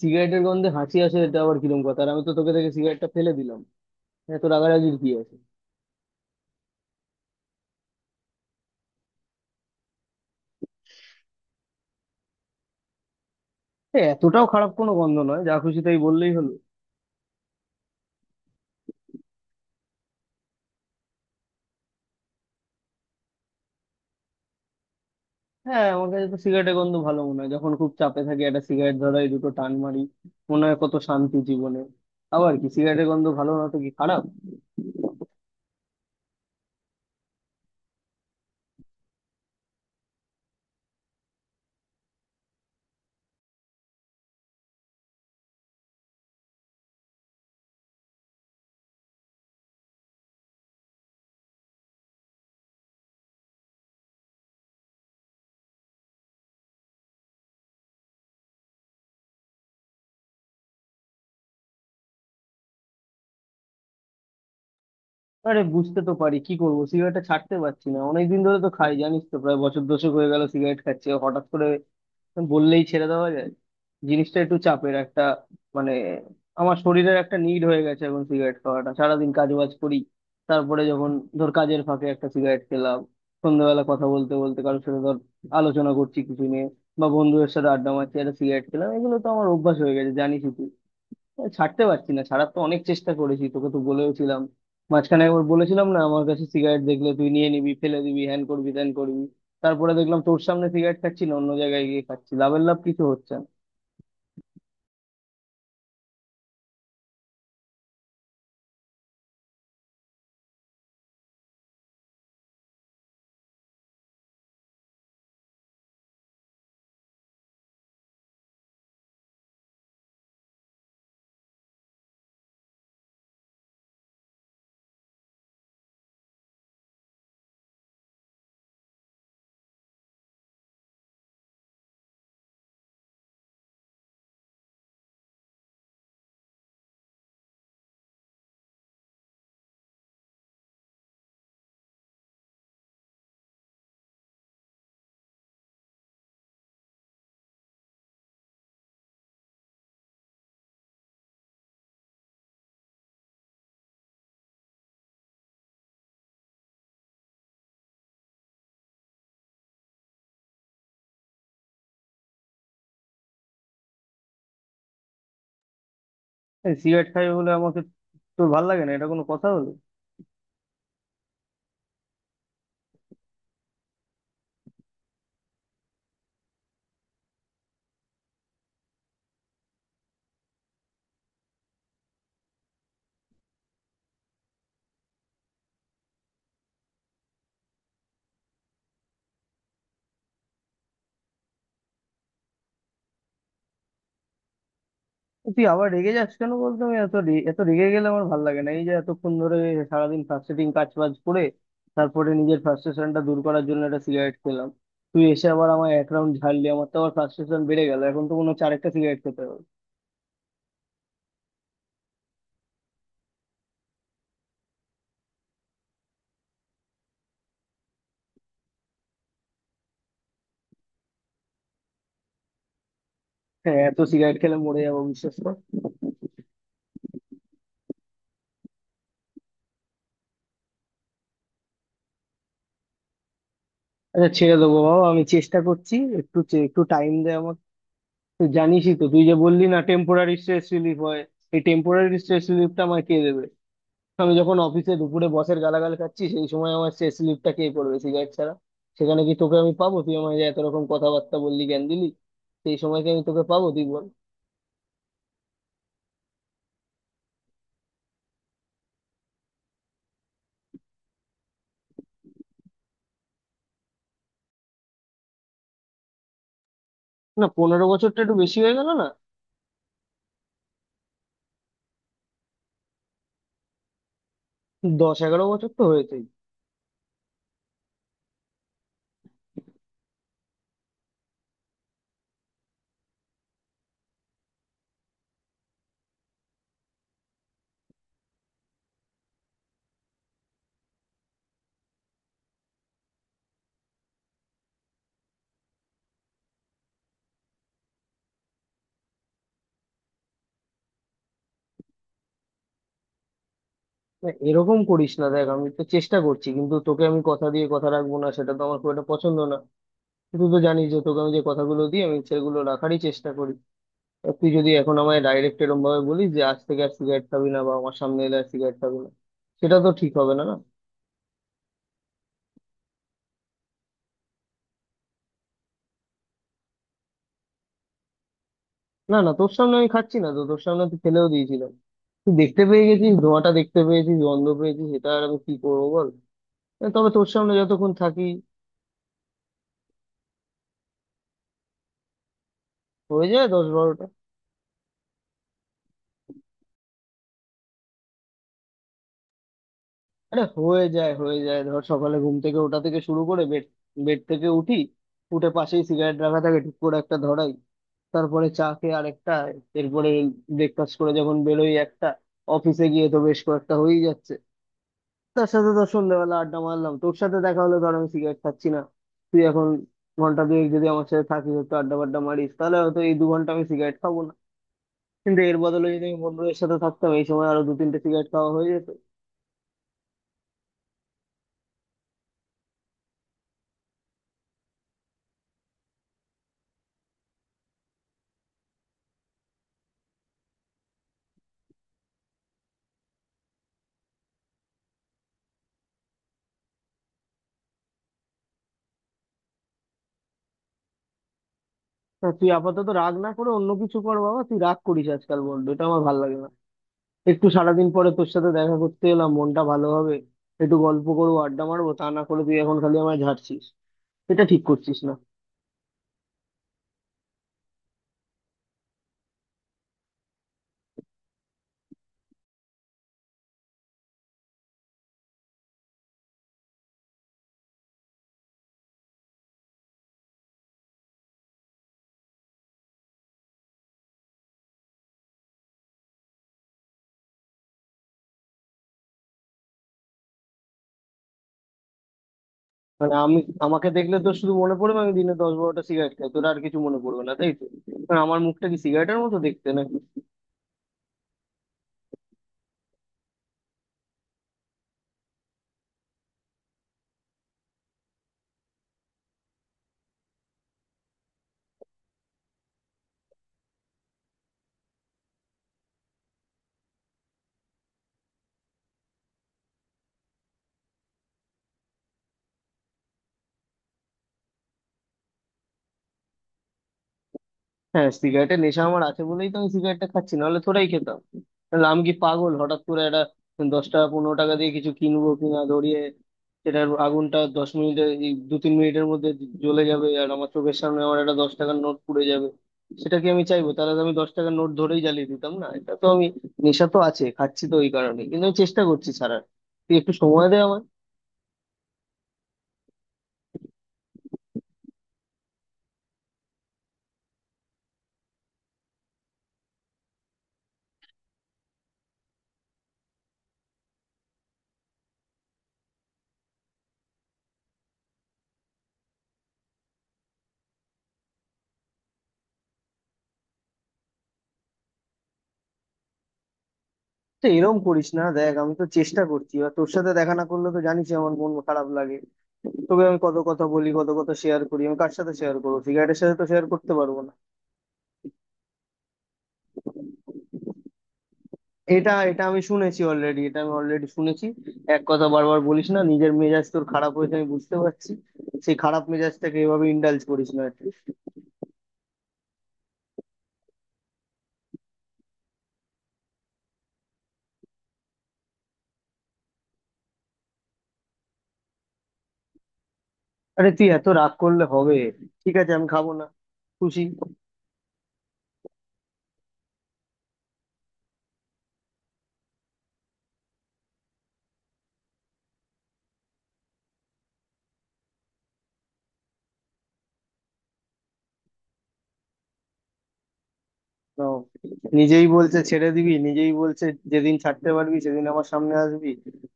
সিগারেটের গন্ধে হাসি আসে, এটা আবার কিরম কথা? আর আমি তো তোকে দেখে সিগারেটটা ফেলে দিলাম। এত রাগারাগির কি আছে? এতটাও খারাপ কোনো গন্ধ নয়, যা খুশি তাই বললেই হলো? হ্যাঁ, আমার কাছে তো সিগারেটের গন্ধ ভালো মনে হয়। যখন খুব চাপে থাকি একটা সিগারেট ধরাই, দুটো টান মারি, মনে হয় কত শান্তি জীবনে। আবার কি সিগারেটের গন্ধ ভালো না তো কি খারাপ? আরে বুঝতে তো পারি, কি করবো, সিগারেটটা ছাড়তে পারছি না। অনেকদিন ধরে তো খাই, জানিস তো, প্রায় বছর দশেক হয়ে গেল সিগারেট খাচ্ছি। আর হঠাৎ করে বললেই ছেড়ে দেওয়া যায়? জিনিসটা একটু চাপের একটা মানে, আমার শরীরের একটা নিড হয়ে গেছে এখন সিগারেট খাওয়াটা। সারাদিন কাজ বাজ করি, তারপরে যখন, ধর, কাজের ফাঁকে একটা সিগারেট খেলাম, সন্ধ্যাবেলা কথা বলতে বলতে কারোর সাথে, ধর, আলোচনা করছি কিছু নিয়ে, বা বন্ধুদের সাথে আড্ডা মারছি একটা সিগারেট খেলাম, এগুলো তো আমার অভ্যাস হয়ে গেছে, জানিসই তুই। ছাড়তে পারছি না, ছাড়ার তো অনেক চেষ্টা করেছি, তোকে তো বলেওছিলাম। মাঝখানে একবার বলেছিলাম না, আমার কাছে সিগারেট দেখলে তুই নিয়ে নিবি, ফেলে দিবি, হ্যান করবি, ত্যান করবি। তারপরে দেখলাম তোর সামনে সিগারেট খাচ্ছি না, অন্য জায়গায় গিয়ে খাচ্ছি, লাভের লাভ কিছু হচ্ছে না। এই সিগারেট খাই বলে আমাকে তোর ভাল লাগে না, এটা কোনো কথা হলো? তুই আবার রেগে যাস কেন বলতো, আমি এত রেগে গেলে আমার ভাল লাগে না। এই যে এতক্ষণ ধরে সারাদিন ফ্রাস্ট্রেটিং কাজ বাজ করে তারপরে নিজের ফ্রাস্ট্রেশনটা দূর করার জন্য একটা সিগারেট খেলাম, তুই এসে আবার আমার এক রাউন্ড ঝাড়লি, আমার তো আবার ফ্রাস্ট্রেশন বেড়ে গেল, এখন তো মনে হচ্ছে আরেকটা সিগারেট খেতে হবে। হ্যাঁ, এত সিগারেট খেলে মরে যাবো, বিশ্বাস কর। আচ্ছা, ছেড়ে দেবো বাবা, আমি চেষ্টা করছি। একটু টাইম দে আমাকে। তুই জানিসই তো, তুই যে বললি না, টেম্পোরারি স্ট্রেস রিলিফ হয়, এই টেম্পোরারি স্ট্রেস রিলিফটা আমায় কে দেবে? আমি যখন অফিসে দুপুরে বসের গালাগাল খাচ্ছি, সেই সময় আমার স্ট্রেস রিলিফটা কে করবে সিগারেট ছাড়া? সেখানে কি তোকে আমি পাবো? তুই আমায় যে এত রকম কথাবার্তা বললি, জ্ঞান দিলি, সেই সময় কি আমি তোকে পাবো, তুই বল। না, 15 বছরটা একটু বেশি হয়ে গেল না? 10-11 বছর তো হয়েছে। না, এরকম করিস না, দেখ আমি তো চেষ্টা করছি, কিন্তু তোকে আমি কথা দিয়ে কথা রাখবো না, সেটা তো আমার খুব একটা পছন্দ না। তুই তো জানিস যে তোকে আমি যে কথাগুলো দিই আমি সেগুলো রাখারই চেষ্টা করি। আর তুই যদি এখন আমায় ডাইরেক্ট এরকম ভাবে বলিস যে আজ থেকে আর সিগারেট খাবি না, বা আমার সামনে এলে আর সিগারেট খাবি না, সেটা তো ঠিক হবে না না। না, না, তোর সামনে আমি খাচ্ছি না তো, তোর সামনে তো ফেলেও দিয়েছিলাম। তুই দেখতে পেয়ে গেছিস, ধোঁয়াটা দেখতে পেয়েছিস, গন্ধ পেয়েছিস, সেটা আর আমি কি করবো বল? তবে তোর সামনে যতক্ষণ থাকি, হয়ে যায় 10-12টা। আরে হয়ে যায়, হয়ে যায়, ধর সকালে ঘুম থেকে ওঠা থেকে শুরু করে, বেড, বেড থেকে উঠি, উঠে পাশেই সিগারেট রাখা থাকে, ঠিক করে একটা ধরাই, তারপরে চা খেয়ে আরেকটা, এরপরে ব্রেকফাস্ট করে যখন বেরোই একটা, অফিসে গিয়ে তো বেশ কয়েকটা হয়েই যাচ্ছে। তার সাথে ধর সন্ধ্যাবেলা আড্ডা মারলাম, তোর সাথে দেখা হলো, ধর আমি সিগারেট খাচ্ছি না, তুই এখন ঘন্টা দুয়েক যদি আমার সাথে থাকিস, একটু আড্ডা বাড্ডা মারিস, তাহলে হয়তো এই 2 ঘন্টা আমি সিগারেট খাবো না। কিন্তু এর বদলে যদি আমি বন্ধুদের সাথে থাকতাম, এই সময় আরো 2-3টে সিগারেট খাওয়া হয়ে যেত। না তুই আপাতত রাগ না করে অন্য কিছু কর বাবা, তুই রাগ করিস আজকাল বড্ড, এটা আমার ভালো লাগে না। একটু সারাদিন পরে তোর সাথে দেখা করতে এলাম, মনটা ভালো হবে, একটু গল্প করবো, আড্ডা মারবো, তা না করে তুই এখন খালি আমায় ঝাড়ছিস, এটা ঠিক করছিস না। মানে আমি, আমাকে দেখলে তোর শুধু মনে পড়বে আমি দিনে 10-12টা সিগারেট খাই, তোর আর কিছু মনে পড়বে না, তাই তো? মানে আমার মুখটা কি সিগারেটের মতো দেখতে না? হ্যাঁ, সিগারেটের নেশা আমার আছে বলেই তো আমি সিগারেটটা খাচ্ছি, নাহলে থোড়াই খেতাম। নাহলে আমি কি পাগল, হঠাৎ করে একটা 10 টাকা 15 টাকা দিয়ে কিছু কিনবো কিনা, ধরিয়ে সেটার আগুনটা 10 মিনিটে, এই 2-3 মিনিটের মধ্যে জ্বলে যাবে, আর আমার চোখের সামনে আমার একটা 10 টাকার নোট পুড়ে যাবে, সেটা কি আমি চাইবো? তাহলে তো আমি 10 টাকার নোট ধরেই জ্বালিয়ে দিতাম, না, এটা তো আমি, নেশা তো আছে, খাচ্ছি তো ওই কারণে, কিন্তু আমি চেষ্টা করছি ছাড়ার, তুই একটু সময় দে। তো এরকম করিস না, দেখ আমি তো চেষ্টা করছি, এবার তোর সাথে দেখা না করলে তো জানিস আমার মন খারাপ লাগে। তোকে আমি কত কথা বলি, কত কথা শেয়ার করি, আমি কার সাথে শেয়ার করবো, সিগারেটের সাথে তো শেয়ার করতে পারবো না। এটা, এটা আমি শুনেছি অলরেডি, এটা আমি অলরেডি শুনেছি, এক কথা বারবার বলিস না। নিজের মেজাজ তোর খারাপ হয়েছে আমি বুঝতে পারছি, সেই খারাপ মেজাজটাকে এভাবে ইন্ডালজ করিস না আর কি। আরে তুই এত রাগ করলে হবে? ঠিক আছে, আমি খাবো না, খুশি? তো নিজেই বলছে ছেড়ে দিবি, নিজেই বলছে যেদিন ছাড়তে পারবি সেদিন আমার সামনে আসবি,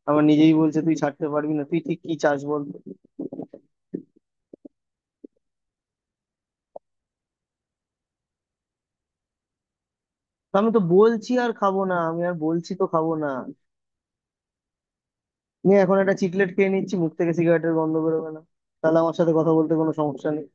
আমার নিজেই বলছে তুই ছাড়তে পারবি না, তুই ঠিক কি চাস বল তো? তো আমি তো বলছি আর খাবো না, আমি আর বলছি তো খাবো না, নিয়ে এখন একটা চিকলেট খেয়ে নিচ্ছি, মুখ থেকে সিগারেটের গন্ধ বেরোবে না, তাহলে আমার সাথে কথা বলতে কোনো সমস্যা নেই।